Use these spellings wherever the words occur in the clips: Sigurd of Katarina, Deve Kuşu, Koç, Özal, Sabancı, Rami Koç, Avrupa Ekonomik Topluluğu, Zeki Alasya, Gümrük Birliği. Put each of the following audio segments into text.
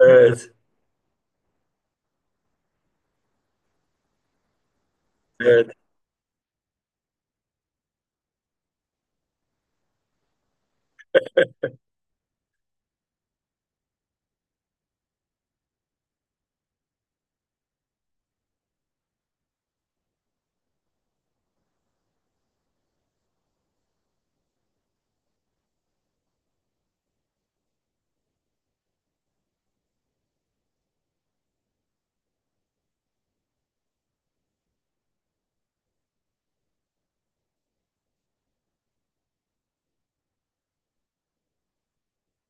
Evet, evet.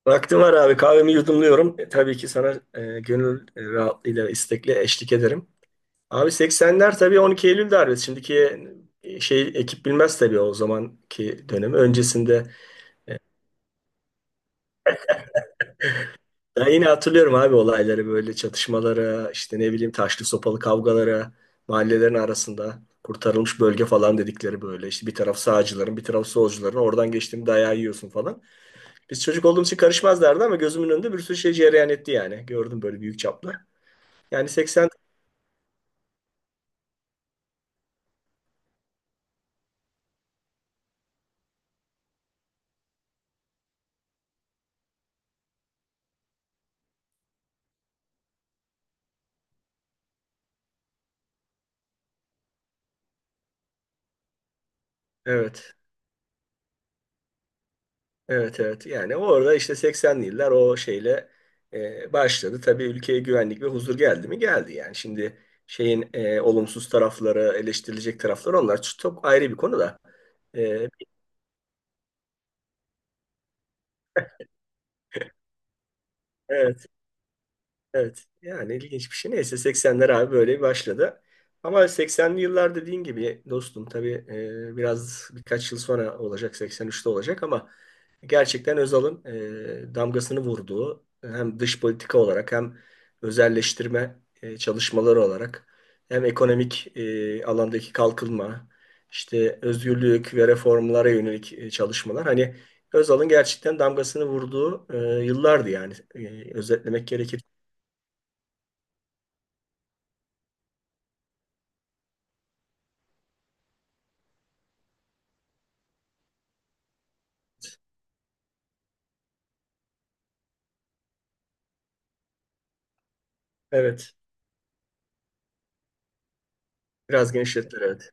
Vaktim var abi. Kahvemi yudumluyorum. Tabii ki sana gönül rahatlığıyla, istekle eşlik ederim. Abi 80'ler tabii 12 Eylül darbesi. Şimdiki şey ekip bilmez tabii o zamanki dönemi. Öncesinde ben yine hatırlıyorum abi olayları böyle çatışmalara, işte ne bileyim taşlı sopalı kavgalara, mahallelerin arasında kurtarılmış bölge falan dedikleri böyle. İşte bir taraf sağcıların, bir taraf solcuların. Oradan geçtiğinde dayağı yiyorsun falan. Biz çocuk olduğumuz için karışmazlardı ama gözümün önünde bir sürü şey cereyan etti yani. Gördüm böyle büyük çaplı. Yani 80, evet. Evet, evet. Yani orada işte 80'li yıllar o şeyle başladı. Tabii ülkeye güvenlik ve huzur geldi mi? Geldi yani. Şimdi şeyin olumsuz tarafları, eleştirilecek tarafları onlar çok ayrı bir konu da. E, evet. Evet. Yani ilginç bir şey. Neyse 80'ler abi böyle başladı. Ama 80'li yıllar dediğin gibi dostum tabii biraz birkaç yıl sonra olacak, 83'te olacak, ama gerçekten Özal'ın damgasını vurduğu hem dış politika olarak hem özelleştirme çalışmaları olarak hem ekonomik alandaki kalkınma, işte özgürlük ve reformlara yönelik çalışmalar, hani Özal'ın gerçekten damgasını vurduğu yıllardı yani, özetlemek gerekir. Evet. Biraz genişlettiler, evet.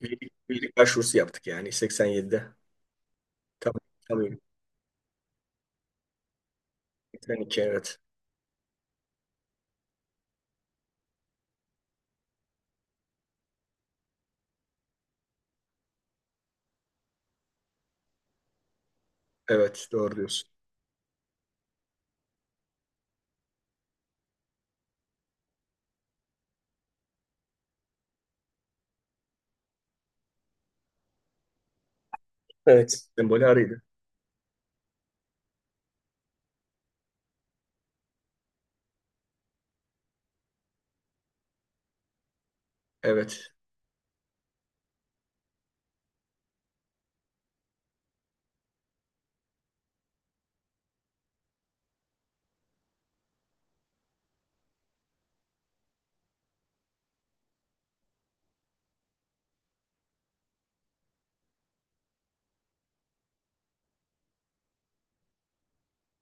Üyelik, üyelik başvurusu yaptık yani 87'de. Tam, tam üyelik. 82, evet. Evet, doğru diyorsun. Evet. Sembolü arıydı. Evet.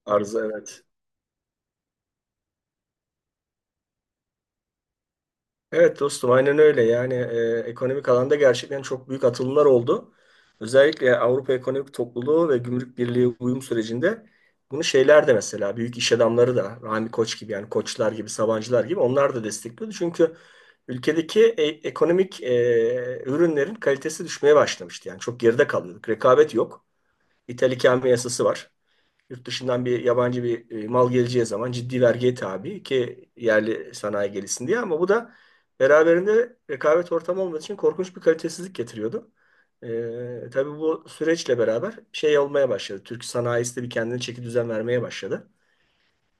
Arıza, evet. Evet dostum, aynen öyle. Yani ekonomik alanda gerçekten çok büyük atılımlar oldu. Özellikle Avrupa Ekonomik Topluluğu ve Gümrük Birliği uyum sürecinde bunu şeyler de mesela büyük iş adamları da Rami Koç gibi, yani Koçlar gibi, Sabancılar gibi, onlar da destekliyordu. Çünkü ülkedeki ekonomik ürünlerin kalitesi düşmeye başlamıştı. Yani çok geride kalıyorduk. Rekabet yok. İthal ikame yasası var. Yurt dışından bir yabancı bir mal geleceği zaman ciddi vergiye tabi ki yerli sanayi gelişsin diye, ama bu da beraberinde rekabet ortamı olmadığı için korkunç bir kalitesizlik getiriyordu. Tabii bu süreçle beraber şey olmaya başladı. Türk sanayisi de bir kendine çeki düzen vermeye başladı.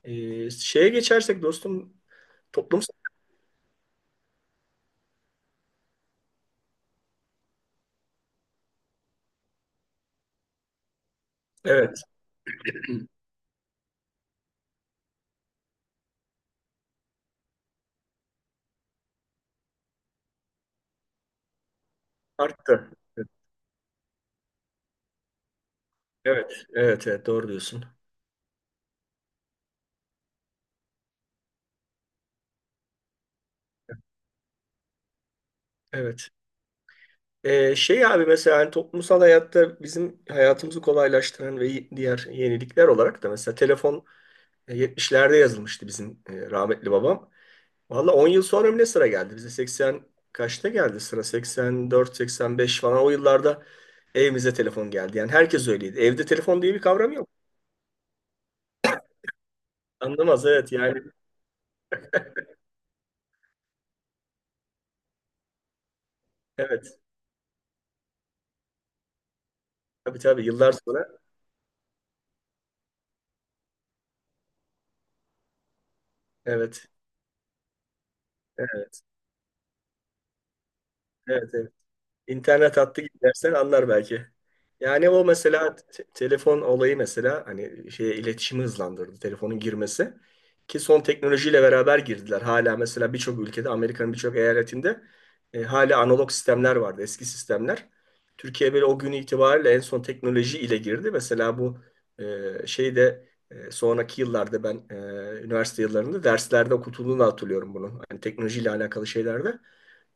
Şeye geçersek dostum toplum, evet, arttı. Evet, evet, evet evet, doğru diyorsun. Evet. Şey abi mesela hani toplumsal hayatta bizim hayatımızı kolaylaştıran ve diğer yenilikler olarak da mesela telefon, 70'lerde yazılmıştı bizim rahmetli babam. Valla 10 yıl sonra mı ne sıra geldi? Bize 80 kaçta geldi sıra? 84, 85 falan o yıllarda evimize telefon geldi. Yani herkes öyleydi. Evde telefon diye bir kavram yok. Anlamaz, evet yani. Evet. Tabii, tabii yıllar sonra. Evet. Evet. Evet. Evet. İnternet hattı gidersen anlar belki. Yani o, mesela telefon olayı, mesela hani şey iletişimi hızlandırdı telefonun girmesi, ki son teknolojiyle beraber girdiler. Hala mesela birçok ülkede Amerika'nın birçok eyaletinde hala analog sistemler vardı, eski sistemler. Türkiye böyle o gün itibariyle en son teknoloji ile girdi. Mesela bu şeyde sonraki yıllarda ben üniversite yıllarında derslerde okutulduğunu hatırlıyorum bunu. Hani teknolojiyle alakalı şeylerde.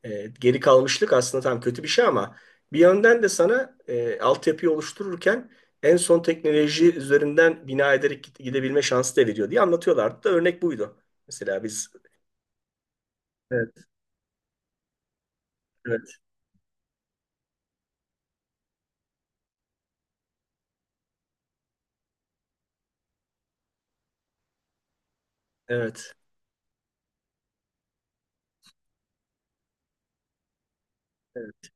Geri kalmışlık aslında tam kötü bir şey ama bir yönden de sana altyapıyı oluştururken en son teknoloji üzerinden bina ederek gidebilme şansı da veriyor diye anlatıyorlardı da örnek buydu. Mesela biz, evet, evet, evet, evet,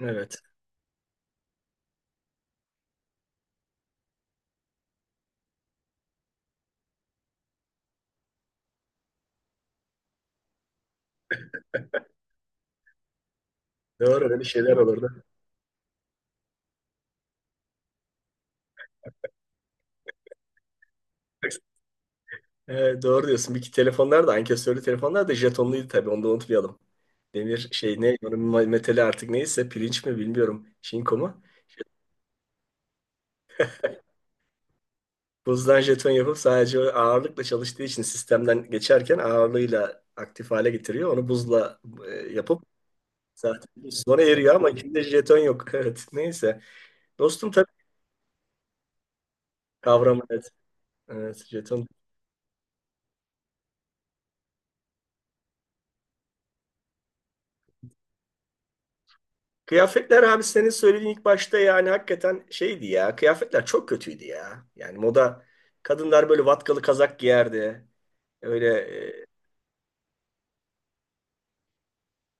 evet. Doğru, öyle şeyler olurdu. Evet, doğru diyorsun. Bir iki telefonlar da ankesörlü telefonlar da jetonluydu tabii, onu da unutmayalım. Demir şey ne onun metali artık neyse pirinç mi bilmiyorum. Şinko mu? Buzdan jeton yapıp sadece ağırlıkla çalıştığı için sistemden geçerken ağırlığıyla aktif hale getiriyor. Onu buzla yapıp, zaten buz sonra eriyor ama içinde jeton yok. Evet. Neyse. Dostum tabii kavramı, evet. Evet, jeton. Kıyafetler abi senin söylediğin ilk başta, yani hakikaten şeydi ya. Kıyafetler çok kötüydü ya. Yani moda, kadınlar böyle vatkalı kazak giyerdi. Öyle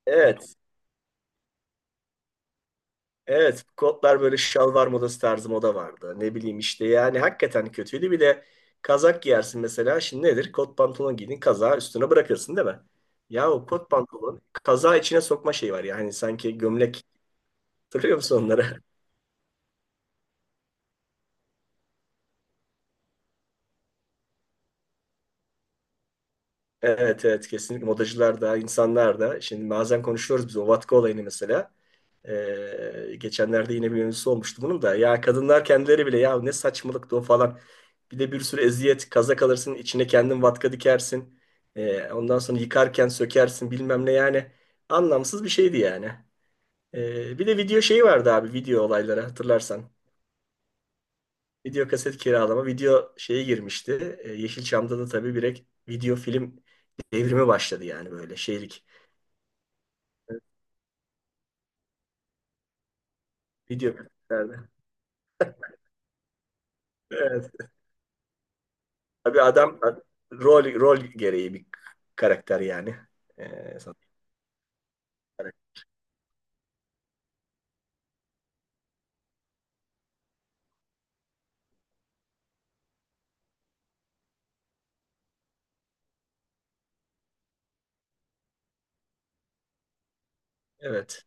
evet. Evet, kotlar böyle şalvar modası tarzı moda vardı. Ne bileyim, işte yani hakikaten kötüydü. Bir de kazak giyersin mesela. Şimdi nedir? Kot pantolon giydin, kazağı üstüne bırakırsın değil mi? Ya o kot pantolon kazağı içine sokma şeyi var ya. Hani sanki gömlek. Hatırlıyor musun onları? Evet, evet, kesinlikle modacılar da insanlar da. Şimdi bazen konuşuyoruz biz o vatka olayını mesela. Geçenlerde yine bir mevzusu olmuştu bunun da. Ya kadınlar kendileri bile, ya ne saçmalıktı o falan. Bir de bir sürü eziyet, kaza kalırsın, içine kendin vatka dikersin. Ondan sonra yıkarken sökersin bilmem ne yani. Anlamsız bir şeydi yani. Bir de video şeyi vardı abi, video olayları hatırlarsan. Video kaset kiralama, video şeye girmişti. Yeşilçam'da da tabii direkt video film devrimi başladı yani, böyle şeylik. Video kasetlerde. Evet. Tabii adam rol gereği bir karakter yani. Ee, san- evet.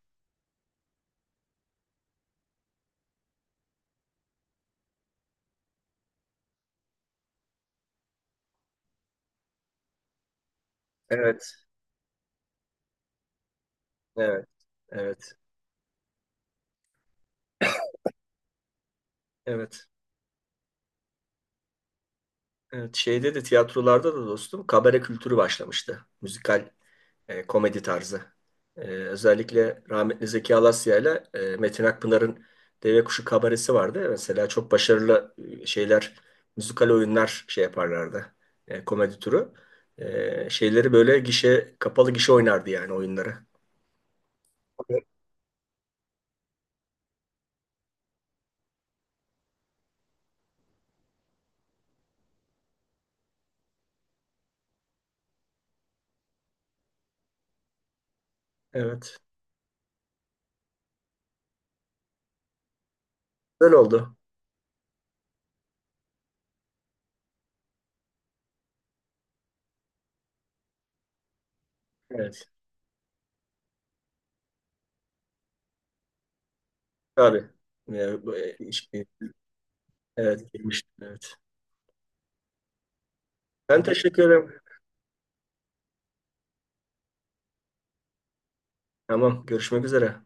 Evet. Evet. Evet. Evet. Evet. Şeyde de tiyatrolarda da dostum kabare kültürü başlamıştı. Müzikal komedi tarzı. Özellikle rahmetli Zeki Alasya ile Metin Akpınar'ın Deve Kuşu kabaresi vardı. Mesela çok başarılı şeyler, müzikal oyunlar şey yaparlardı. Komedi türü. Şeyleri böyle gişe, kapalı gişe oynardı yani oyunları. Evet. Böyle oldu. Evet. Tabii. Ya, bu, ilişki. Evet, girmiştim, evet. Ben teşekkür ederim. Tamam. Görüşmek üzere.